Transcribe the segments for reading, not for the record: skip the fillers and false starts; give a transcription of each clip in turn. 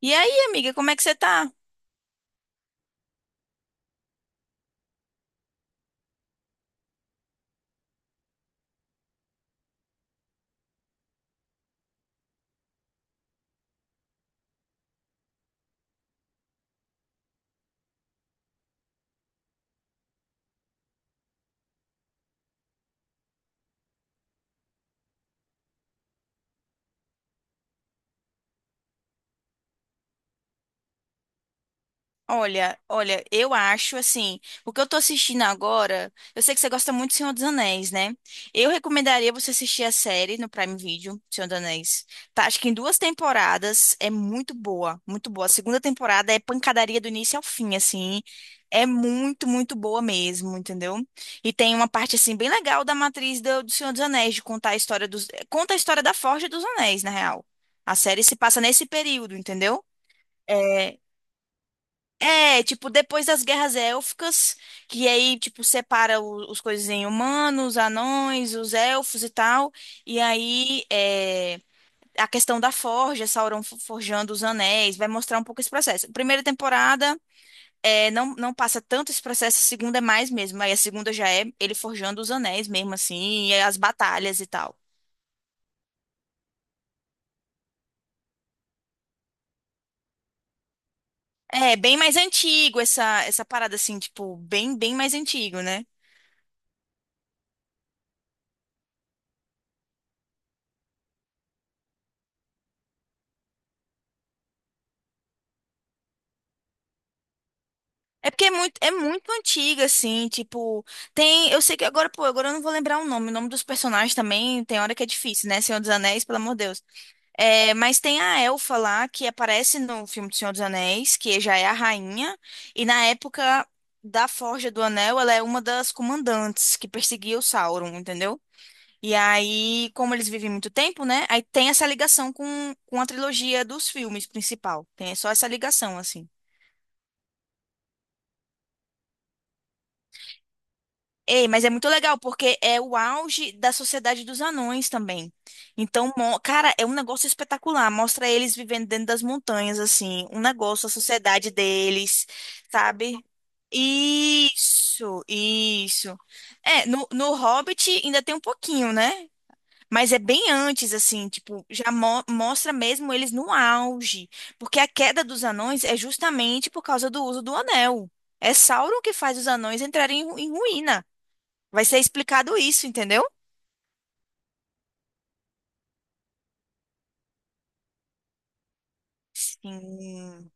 E aí, amiga, como é que você tá? Olha, olha, eu acho assim, o que eu tô assistindo agora, eu sei que você gosta muito do Senhor dos Anéis, né? Eu recomendaria você assistir a série no Prime Video, Senhor dos Anéis. Tá, acho que em duas temporadas é muito boa, muito boa. A segunda temporada é pancadaria do início ao fim, assim. É muito, muito boa mesmo, entendeu? E tem uma parte assim bem legal da matriz do Senhor dos Anéis, de contar a história dos, conta a história da Forja dos Anéis, na real. A série se passa nesse período, entendeu? É, tipo, depois das guerras élficas, que aí, tipo, separa os coisas em humanos, anões, os elfos e tal. E aí, a questão da forja, Sauron forjando os anéis, vai mostrar um pouco esse processo. Primeira temporada, é, não passa tanto esse processo, a segunda é mais mesmo. Aí a segunda já é ele forjando os anéis mesmo, assim, e as batalhas e tal. É, bem mais antigo essa parada, assim, tipo, bem, bem mais antigo, né? É porque é muito antiga, assim, tipo, tem, eu sei que agora, pô, agora eu não vou lembrar o nome dos personagens também, tem hora que é difícil, né, Senhor dos Anéis, pelo amor de Deus. É, mas tem a Elfa lá, que aparece no filme do Senhor dos Anéis, que já é a rainha, e na época da Forja do Anel, ela é uma das comandantes que perseguia o Sauron, entendeu? E aí, como eles vivem muito tempo, né, aí tem essa ligação com a trilogia dos filmes principal, tem só essa ligação, assim. Ei, mas é muito legal, porque é o auge da sociedade dos anões também. Então, cara, é um negócio espetacular. Mostra eles vivendo dentro das montanhas, assim, um negócio, a sociedade deles, sabe? Isso, isso. É, no Hobbit ainda tem um pouquinho, né? Mas é bem antes, assim, tipo, já mostra mesmo eles no auge. Porque a queda dos anões é justamente por causa do uso do anel. É Sauron que faz os anões entrarem em ruína. Vai ser explicado isso, entendeu? Sim.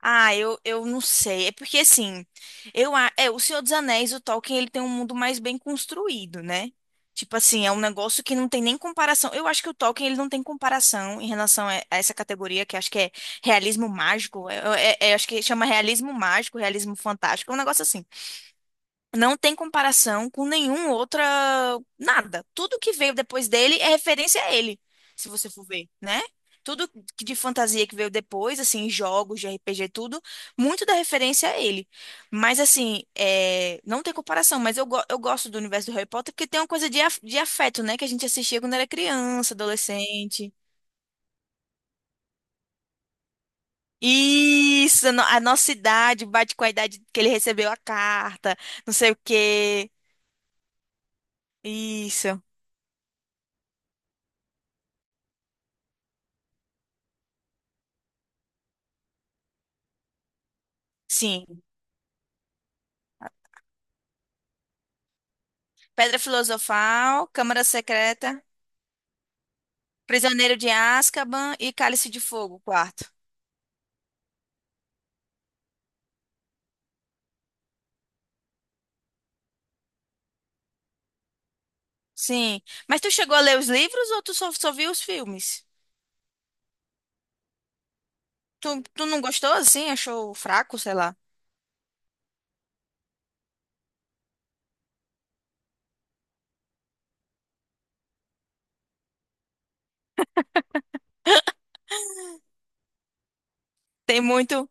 Ah, eu não sei. É porque assim, é o Senhor dos Anéis, o Tolkien, ele tem um mundo mais bem construído, né? Tipo assim, é um negócio que não tem nem comparação. Eu acho que o Tolkien ele não tem comparação em relação a essa categoria que acho que é realismo mágico. É, acho que chama realismo mágico, realismo fantástico, é um negócio assim. Não tem comparação com nenhum outra, nada. Tudo que veio depois dele é referência a ele, se você for ver, né? Tudo de fantasia que veio depois, assim, jogos de RPG, tudo, muito da referência a ele. Mas, assim, é, não tem comparação, mas eu gosto do universo do Harry Potter porque tem uma coisa de, de afeto, né? Que a gente assistia quando era criança, adolescente. Isso, a no- a nossa idade bate com a idade que ele recebeu a carta, não sei o quê. Isso, sim. Pedra Filosofal, Câmara Secreta, Prisioneiro de Azkaban e Cálice de Fogo, quarto. Sim. Mas tu chegou a ler os livros ou tu só, só viu os filmes? Tu não gostou assim? Achou fraco, sei lá. Tem muito,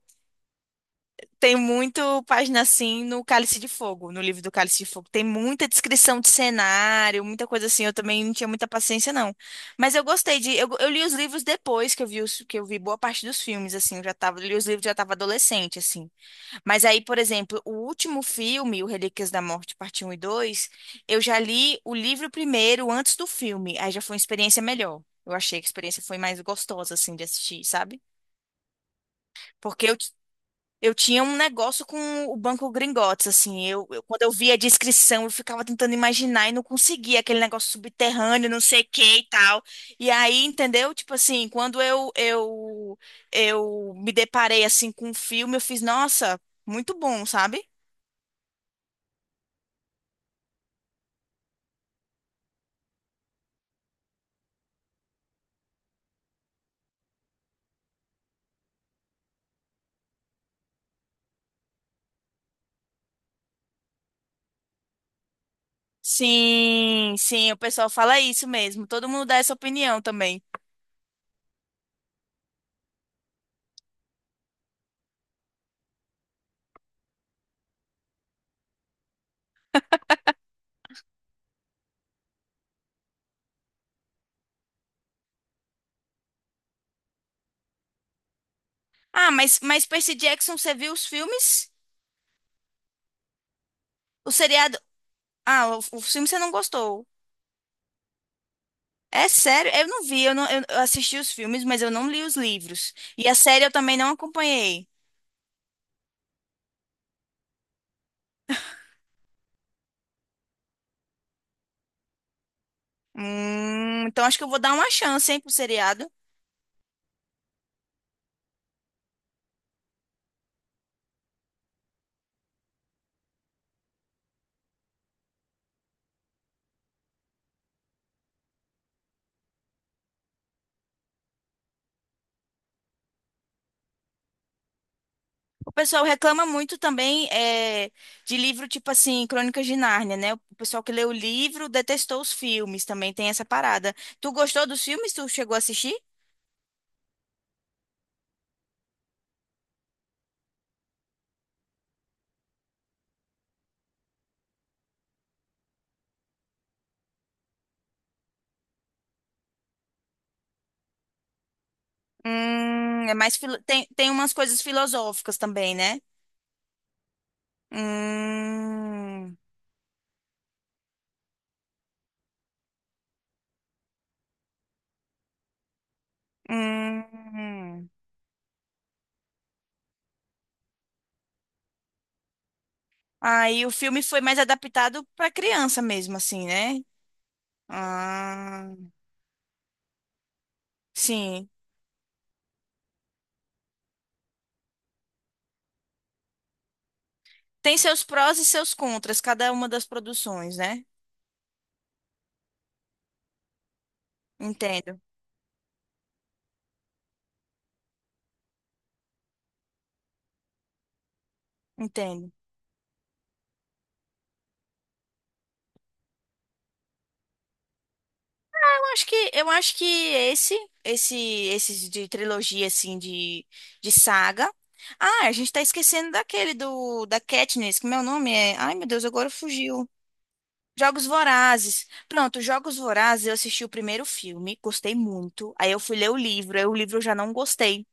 tem muito página assim no Cálice de Fogo, no livro do Cálice de Fogo. Tem muita descrição de cenário, muita coisa assim. Eu também não tinha muita paciência, não. Mas eu gostei de. Eu li os livros depois que eu vi, que eu vi boa parte dos filmes, assim. Eu já tava, li os livros, já tava adolescente, assim. Mas aí, por exemplo, o último filme, o Relíquias da Morte, parte um e 2, eu já li o livro primeiro, antes do filme. Aí já foi uma experiência melhor. Eu achei que a experiência foi mais gostosa, assim, de assistir, sabe? Porque eu tinha um negócio com o Banco Gringotts, assim. Eu, quando eu via a descrição, eu ficava tentando imaginar e não conseguia. Aquele negócio subterrâneo, não sei o que e tal. E aí, entendeu? Tipo assim, eu me deparei, assim, com o filme, eu fiz, nossa, muito bom, sabe? Sim, sim, o pessoal fala isso mesmo. Todo mundo dá essa opinião também. Ah, mas Percy Jackson, você viu os filmes? O seriado. Ah, o filme você não gostou. É sério, eu não vi, eu, não, eu assisti os filmes, mas eu não li os livros. E a série eu também não acompanhei. Então acho que eu vou dar uma chance, hein, pro seriado. O pessoal reclama muito também é, de livro tipo assim, Crônicas de Nárnia, né? O pessoal que leu o livro detestou os filmes, também tem essa parada. Tu gostou dos filmes? Tu chegou a assistir? É tem, tem umas coisas filosóficas também, né? Hum, hum. Aí o filme foi mais adaptado para criança mesmo, assim, né? Ah, sim. Tem seus prós e seus contras, cada uma das produções, né? Entendo, entendo. Ah, eu acho que, esses de trilogia, assim, de saga. Ah, a gente tá esquecendo daquele da Katniss, que meu nome é. Ai, meu Deus, agora fugiu. Jogos Vorazes. Pronto, Jogos Vorazes, eu assisti o primeiro filme, gostei muito. Aí eu fui ler o livro, aí o livro eu já não gostei.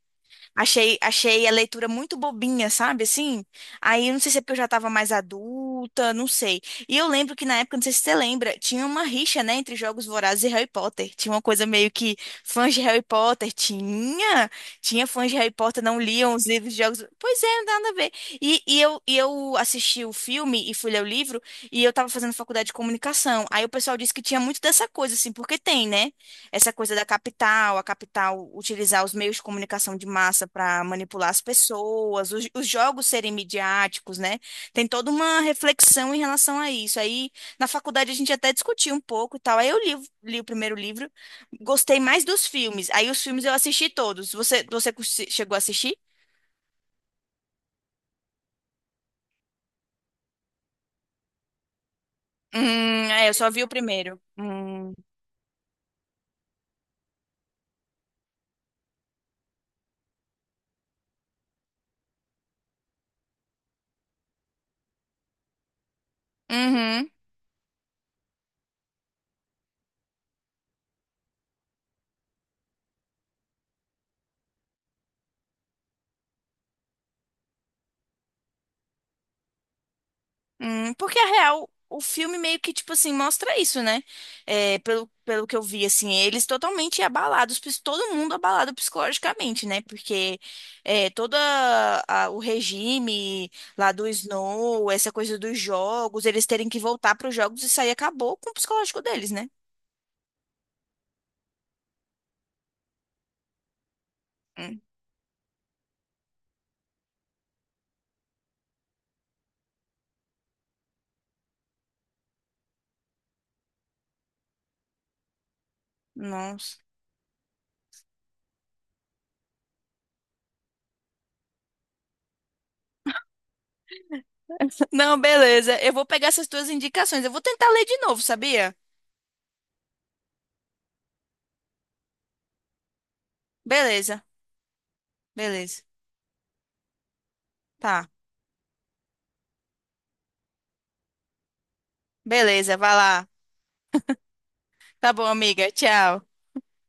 Achei, achei a leitura muito bobinha, sabe? Assim, aí eu não sei se é porque eu já estava mais adulta, não sei. E eu lembro que na época, não sei se você lembra, tinha uma rixa, né, entre Jogos Vorazes e Harry Potter. Tinha uma coisa meio que fãs de Harry Potter. Tinha, tinha fãs de Harry Potter, não liam os livros de Jogos. Pois é, não dá nada a ver. E eu assisti o filme e fui ler o livro, e eu tava fazendo faculdade de comunicação. Aí o pessoal disse que tinha muito dessa coisa, assim, porque tem, né? Essa coisa da capital, a capital utilizar os meios de comunicação de massa para manipular as pessoas, os jogos serem midiáticos, né? Tem toda uma reflexão em relação a isso. Aí, na faculdade, a gente até discutiu um pouco e tal. Aí eu li, li o primeiro livro, gostei mais dos filmes. Aí os filmes eu assisti todos. Você chegou a assistir? É, eu só vi o primeiro. Hum. Uhum. Porque, a real, o filme meio que, tipo assim, mostra isso, né? É, pelo que eu vi, assim, eles totalmente abalados, todo mundo abalado psicologicamente, né? Porque é, o regime lá do Snow, essa coisa dos jogos, eles terem que voltar para os jogos, isso aí acabou com o psicológico deles, né? Hum, nossa. Não, beleza. Eu vou pegar essas tuas indicações. Eu vou tentar ler de novo, sabia? Beleza, beleza. Tá, beleza, vai lá. Tá bom, amiga. Tchau.